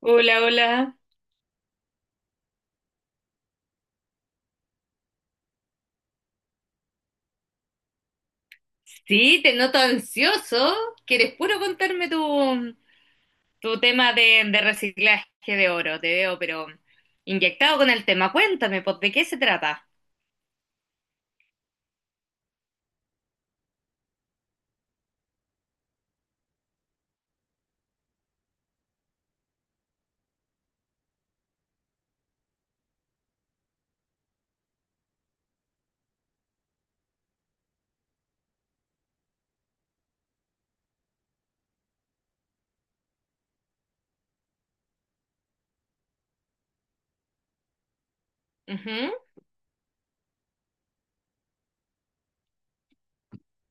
Hola, hola. Sí, te noto ansioso. ¿Quieres puro contarme tu tema de reciclaje de oro? Te veo, pero inyectado con el tema. Cuéntame, pues, ¿de qué se trata? Ujú.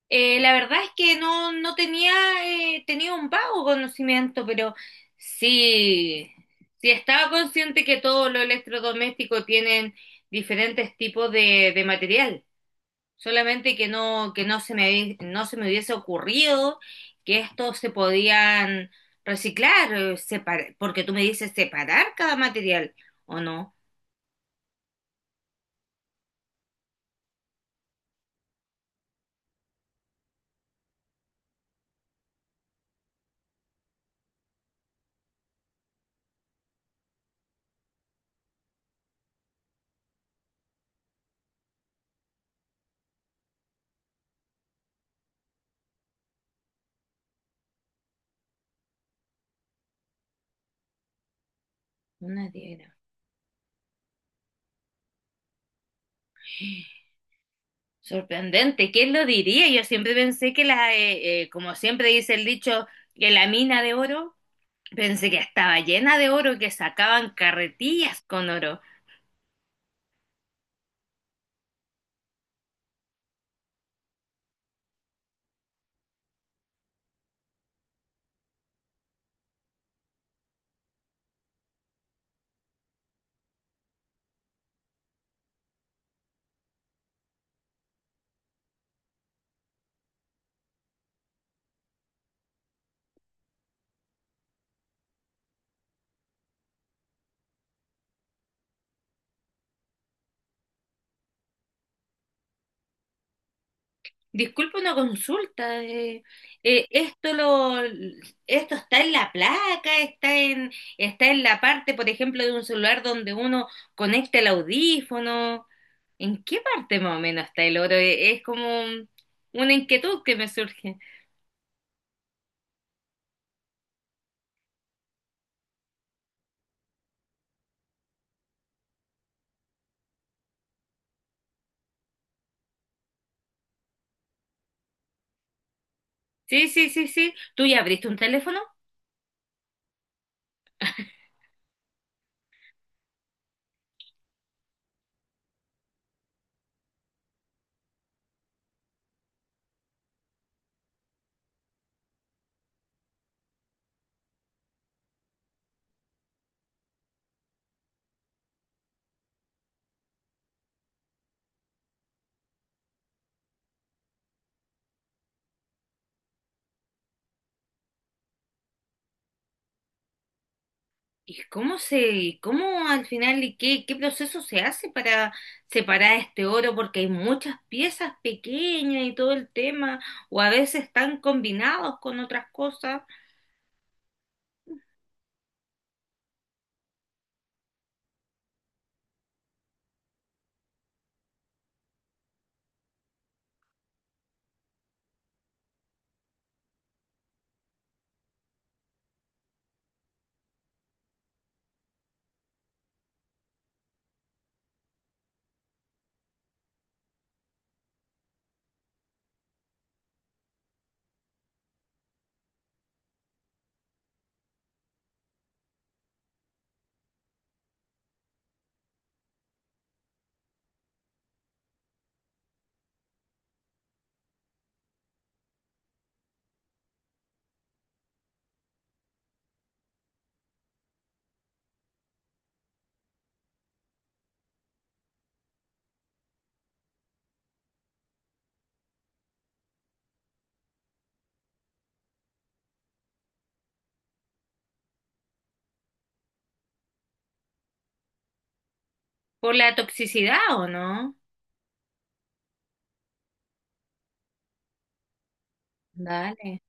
La verdad es que no tenía, tenía un vago conocimiento, pero sí, sí estaba consciente que todos los electrodomésticos tienen diferentes tipos de material. Solamente que que no se me hubiese ocurrido que estos se podían reciclar, porque tú me dices separar cada material, ¿o no? Una diera. Sorprendente, ¿quién lo diría? Yo siempre pensé que como siempre dice el dicho, que la mina de oro, pensé que estaba llena de oro, que sacaban carretillas con oro. Disculpa una consulta. Esto esto está en la placa, está en la parte, por ejemplo, de un celular donde uno conecta el audífono. ¿En qué parte más o menos está el oro? Es como una inquietud que me surge. Sí, sí, sí, sí. ¿Tú ya abriste un teléfono? ¿Y y cómo al final y qué proceso se hace para separar este oro? Porque hay muchas piezas pequeñas y todo el tema, o a veces están combinados con otras cosas por la toxicidad, ¿o no? Dale.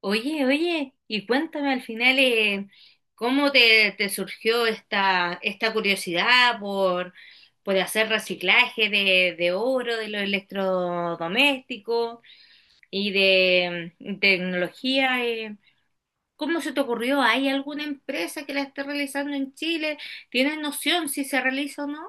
Oye, oye, y cuéntame al final, cómo te surgió esta curiosidad por hacer reciclaje de oro, de los electrodomésticos. Y de tecnología. ¿Cómo se te ocurrió? ¿Hay alguna empresa que la esté realizando en Chile? ¿Tienes noción si se realiza o no?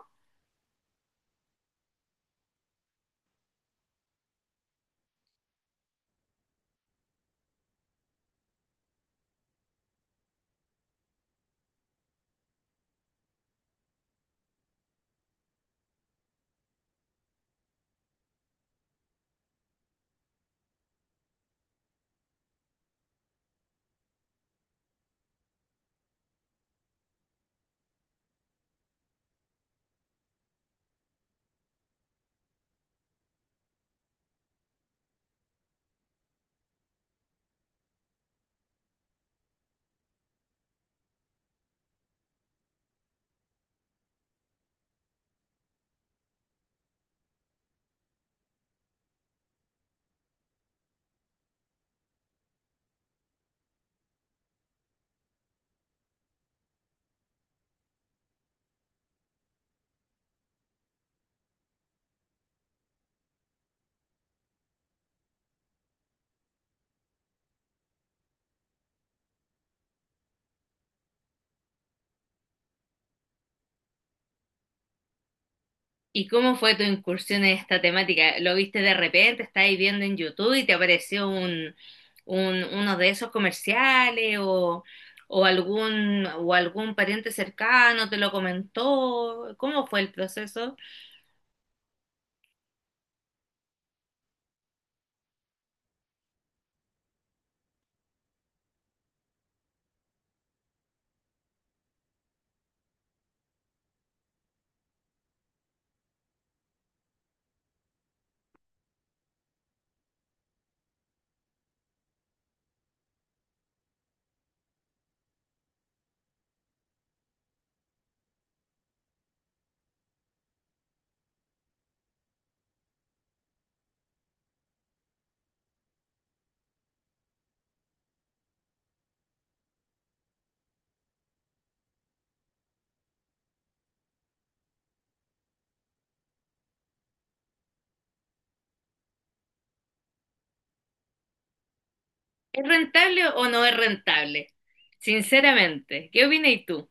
¿Y cómo fue tu incursión en esta temática? ¿Lo viste de repente? ¿Estáis viendo en YouTube y te apareció uno de esos comerciales o algún pariente cercano te lo comentó? ¿Cómo fue el proceso? ¿Es rentable o no es rentable? Sinceramente, ¿qué opinas tú?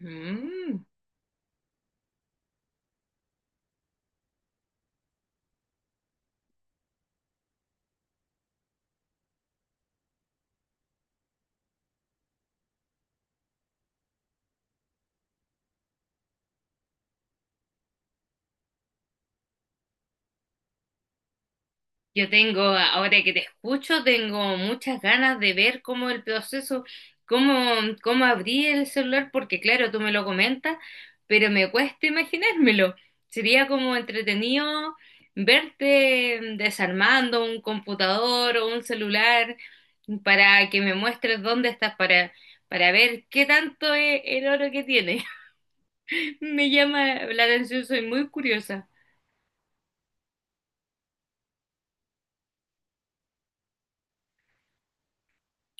Mm. Yo tengo, ahora que te escucho, tengo muchas ganas de ver cómo el proceso, cómo, cómo abrí el celular, porque claro, tú me lo comentas, pero me cuesta imaginármelo. Sería como entretenido verte desarmando un computador o un celular para que me muestres dónde estás, para ver qué tanto es el oro que tiene. Me llama la atención, soy muy curiosa.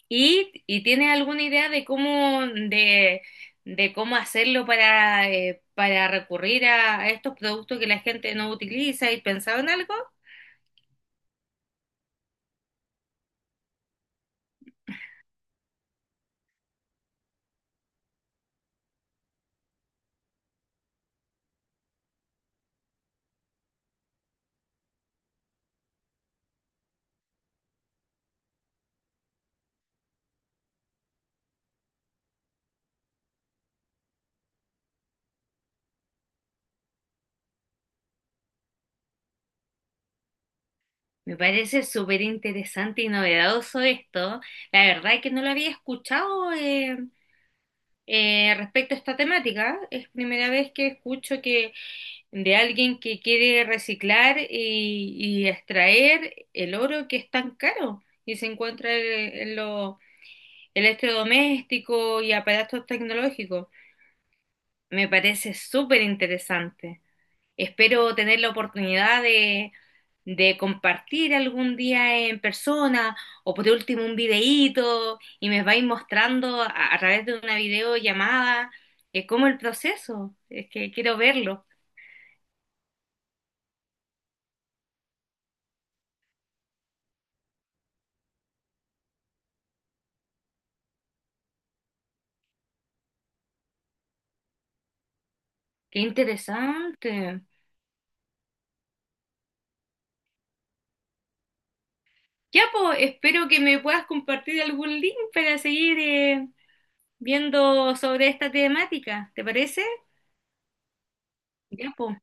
Y tienes alguna idea de de cómo hacerlo para recurrir a estos productos que la gente no utiliza? ¿Y pensado en algo? Me parece súper interesante y novedoso esto. La verdad es que no lo había escuchado, respecto a esta temática. Es primera vez que escucho que de alguien que quiere reciclar y extraer el oro que es tan caro y se encuentra en los electrodomésticos y aparatos tecnológicos. Me parece súper interesante. Espero tener la oportunidad de compartir algún día en persona o por último un videíto y me vais mostrando a través de una videollamada cómo el proceso. Es que quiero verlo. Qué interesante. Ya, pues, espero que me puedas compartir algún link para seguir, viendo sobre esta temática. ¿Te parece? Ya, po.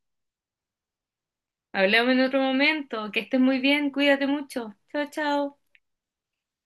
Hablamos en otro momento. Que estés muy bien, cuídate mucho. Chao, chao.